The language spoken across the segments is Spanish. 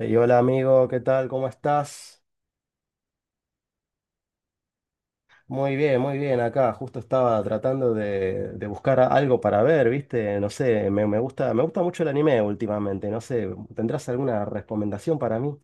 Ey, hola amigo, ¿qué tal? ¿Cómo estás? Muy bien, muy bien. Acá justo estaba tratando de buscar algo para ver, ¿viste? No sé, me gusta mucho el anime últimamente. No sé, ¿tendrás alguna recomendación para mí?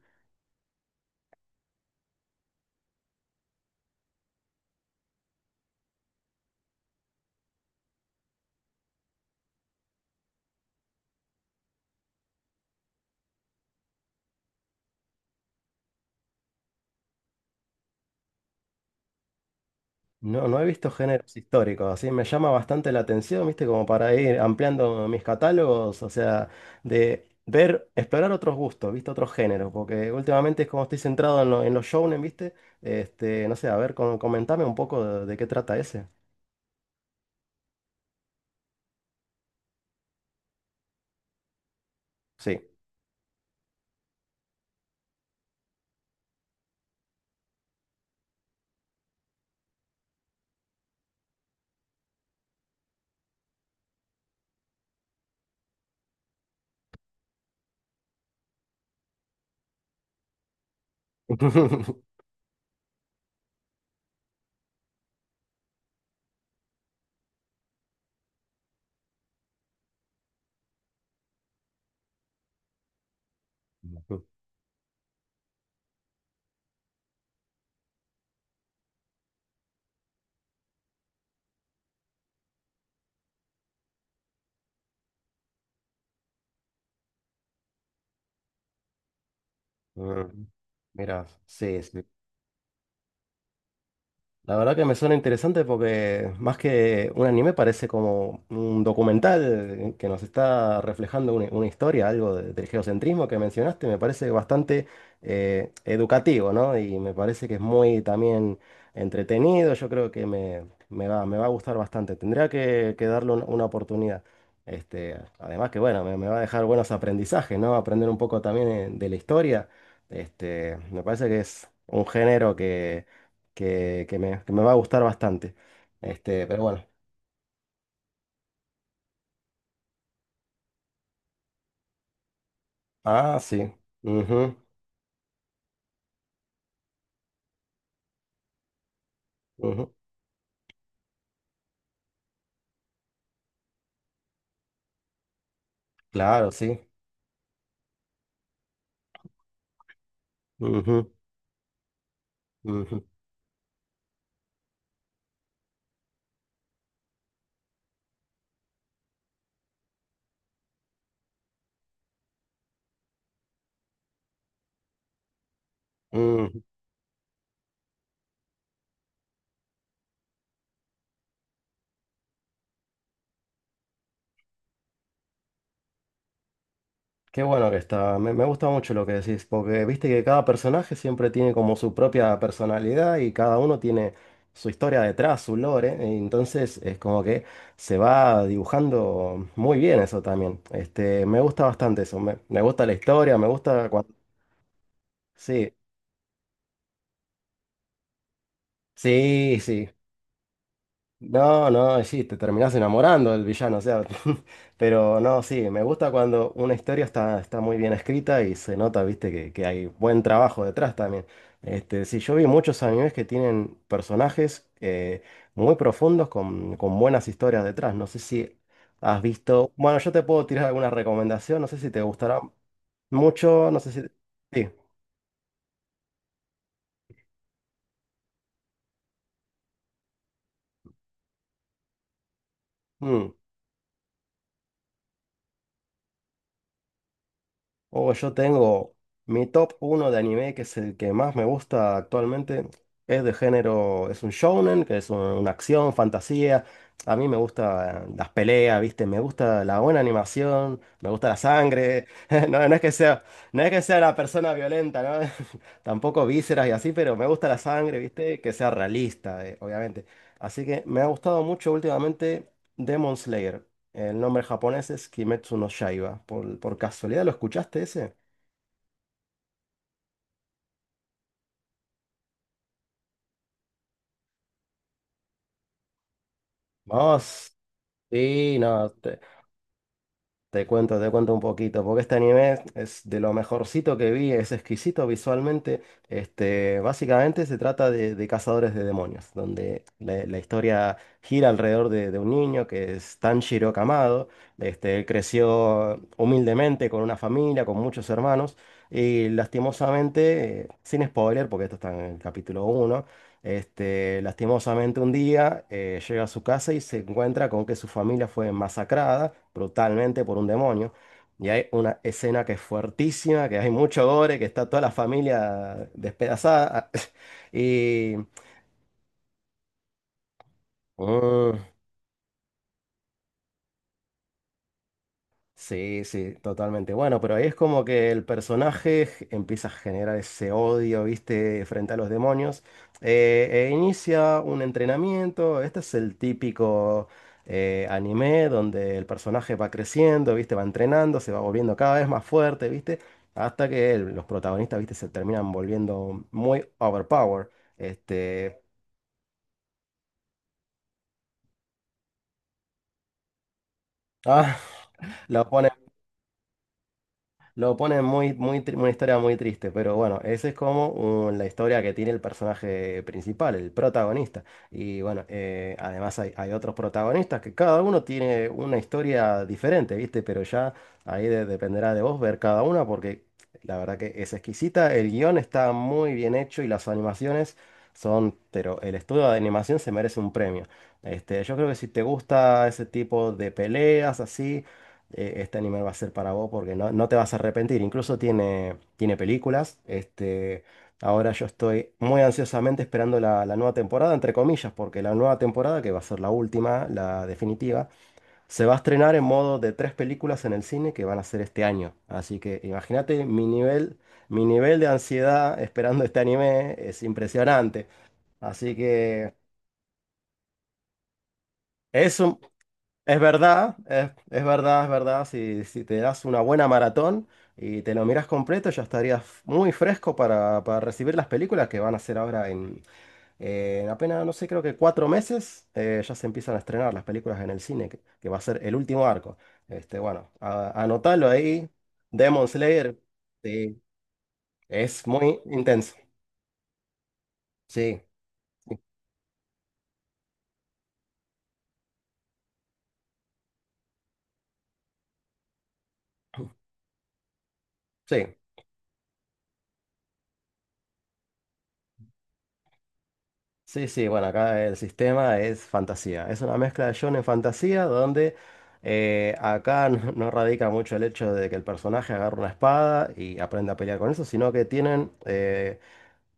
No, no he visto géneros históricos, así me llama bastante la atención, ¿viste? Como para ir ampliando mis catálogos, o sea, de ver, explorar otros gustos, ¿viste? Otros géneros, porque últimamente es como estoy centrado en, en los shounen, ¿viste? Este, no sé, a ver, comentame un poco de qué trata ese. Sí. Ah, mira, sí, sí. La verdad que me suena interesante porque más que un anime parece como un documental que nos está reflejando una historia, algo del geocentrismo que mencionaste, me parece bastante educativo, ¿no? Y me parece que es muy también entretenido, yo creo que me va a gustar bastante, tendría que darle una oportunidad. Este, además que bueno, me va a dejar buenos aprendizajes, ¿no? Aprender un poco también de la historia. Este, me parece que es un género que que me va a gustar bastante. Este, pero bueno. Ah, sí. Ujú, ujú. Claro, sí. Ujú, ujú, ujú. Qué bueno que está. Me gusta mucho lo que decís, porque viste que cada personaje siempre tiene como su propia personalidad y cada uno tiene su historia detrás, su lore. Entonces es como que se va dibujando muy bien eso también. Este, me gusta bastante eso. Me gusta la historia, me gusta cuando... Sí, sí, sí. No, no, y sí, te terminás enamorando del villano, o sea, pero no, sí, me gusta cuando una historia está, está muy bien escrita y se nota, viste, que hay buen trabajo detrás también. Este, sí, yo vi muchos animes que tienen personajes muy profundos con buenas historias detrás. No sé si has visto, bueno, yo te puedo tirar alguna recomendación, no sé si te gustará mucho, no sé si... Sí. Mm. Oh, yo tengo mi top uno de anime, que es el que más me gusta actualmente. Es de género, es un shounen, que es una acción, fantasía. A mí me gustan las peleas, ¿viste? Me gusta la buena animación, me gusta la sangre. No, no es que sea la persona violenta, ¿no? Tampoco vísceras y así, pero me gusta la sangre, ¿viste? Que sea realista, obviamente. Así que me ha gustado mucho últimamente Demon Slayer. El nombre japonés es Kimetsu no Yaiba. Por casualidad lo escuchaste ese? Vos, sí, no, te cuento un poquito, porque este anime es de lo mejorcito que vi, es exquisito visualmente. Este, básicamente se trata de cazadores de demonios, donde la historia gira alrededor de un niño que es Tanjiro Kamado. Este, él creció humildemente con una familia, con muchos hermanos, y lastimosamente, sin spoiler, porque esto está en el capítulo uno. Este, lastimosamente un día llega a su casa y se encuentra con que su familia fue masacrada brutalmente por un demonio. Y hay una escena que es fuertísima, que hay mucho gore, que está toda la familia despedazada. Y mm, sí, sí, totalmente. Bueno, pero ahí es como que el personaje empieza a generar ese odio, ¿viste? Frente a los demonios. E inicia un entrenamiento. Este es el típico anime donde el personaje va creciendo, ¿viste? Va entrenando, se va volviendo cada vez más fuerte, ¿viste? Hasta que los protagonistas, ¿viste? Se terminan volviendo muy overpower. Este. Ah, lo ponen lo pone muy, muy, una historia muy triste, pero bueno, esa es como la historia que tiene el personaje principal, el protagonista. Y bueno, además hay, hay otros protagonistas que cada uno tiene una historia diferente, ¿viste? Pero ya ahí dependerá de vos ver cada una porque la verdad que es exquisita, el guión está muy bien hecho y las animaciones son, pero el estudio de animación se merece un premio. Este, yo creo que si te gusta ese tipo de peleas así este anime va a ser para vos porque no, no te vas a arrepentir. Incluso tiene, tiene películas. Este, ahora yo estoy muy ansiosamente esperando la nueva temporada, entre comillas, porque la nueva temporada, que va a ser la última, la definitiva, se va a estrenar en modo de tres películas en el cine que van a ser este año. Así que imagínate mi nivel de ansiedad esperando este anime es impresionante. Así que... Es un, es verdad, es verdad, es verdad. Si, si te das una buena maratón y te lo miras completo, ya estarías muy fresco para recibir las películas que van a hacer ahora en apenas, no sé, creo que cuatro meses, ya se empiezan a estrenar las películas en el cine, que va a ser el último arco. Este, bueno, anotalo ahí. Demon Slayer, sí, es muy intenso. Sí, sí. Sí. Sí, sí, bueno, acá el sistema es fantasía. Es una mezcla de shonen fantasía donde acá no, no radica mucho el hecho de que el personaje agarre una espada y aprenda a pelear con eso, sino que tienen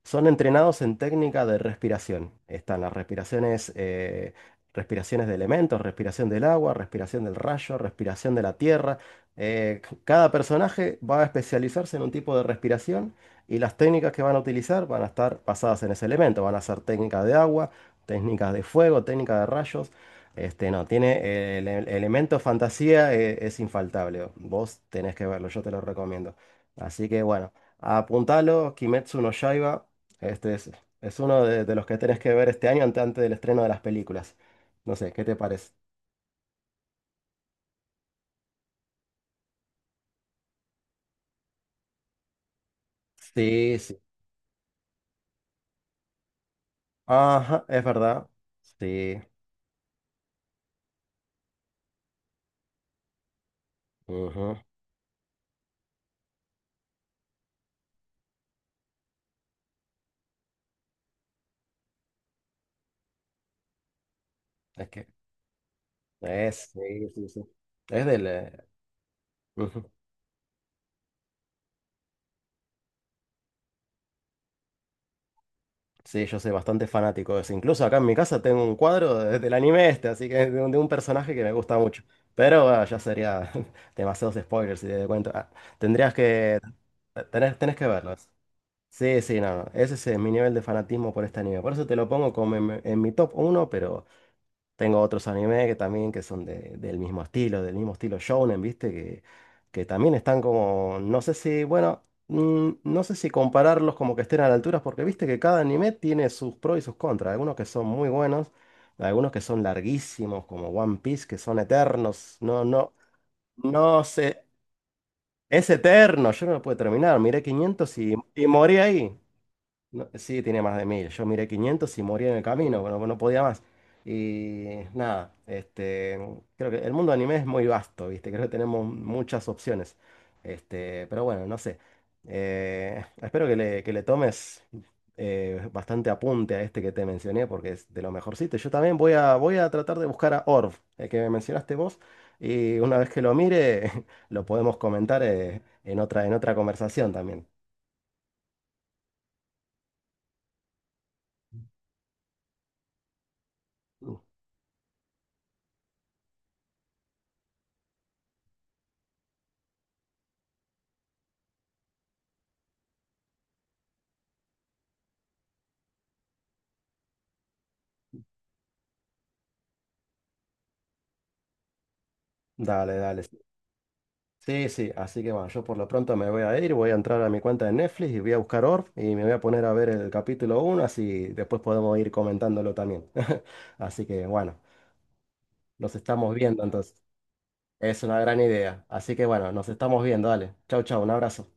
son entrenados en técnica de respiración. Están las respiraciones, respiraciones de elementos, respiración del agua, respiración del rayo, respiración de la tierra. Cada personaje va a especializarse en un tipo de respiración y las técnicas que van a utilizar van a estar basadas en ese elemento. Van a ser técnicas de agua, técnicas de fuego, técnicas de rayos. Este, no, tiene el elemento fantasía, es infaltable. Vos tenés que verlo, yo te lo recomiendo. Así que bueno. Apuntalo, Kimetsu no Yaiba. Este es uno de los que tenés que ver este año antes, del estreno de las películas. No sé, ¿qué te parece? Sí, sí. Ajá, es verdad. Sí. Ujú. Es que es, sí, sí, sí. Es del. Ujú. Sí, yo soy bastante fanático de eso. Incluso acá en mi casa tengo un cuadro del anime este, así que de un personaje que me gusta mucho. Pero ah, ya sería demasiados spoilers si te doy cuenta. Ah, tendrías que. Eh, tenés, tenés que verlo. Sí, sí, no, no, ese es mi nivel de fanatismo por este anime. Por eso te lo pongo como en mi top uno, pero tengo otros animes que también que son del mismo estilo shounen, ¿viste? Que también están como, no sé si, bueno, mm, no sé si compararlos como que estén a la altura, porque viste que cada anime tiene sus pros y sus contras. Algunos que son muy buenos, algunos que son larguísimos, como One Piece, que son eternos. No, no, no sé, es eterno, yo no lo puedo terminar. Miré 500 y morí ahí. No, sí, tiene más de 1000. Yo miré 500 y morí en el camino, bueno, no podía más. Y nada, este, creo que el mundo anime es muy vasto, ¿viste? Creo que tenemos muchas opciones. Este, pero bueno, no sé. Espero que que le tomes bastante apunte a este que te mencioné, porque es de lo mejorcito. Yo también voy a tratar de buscar a Orv, el que me mencionaste vos, y una vez que lo mire, lo podemos comentar en otra conversación también. Dale, dale. Sí, sí, así que bueno, yo por lo pronto me voy a ir, voy a entrar a mi cuenta de Netflix y voy a buscar Orf y me voy a poner a ver el capítulo uno, así después podemos ir comentándolo también. Así que bueno, nos estamos viendo entonces. Es una gran idea. Así que bueno, nos estamos viendo, dale. Chau, chau, un abrazo.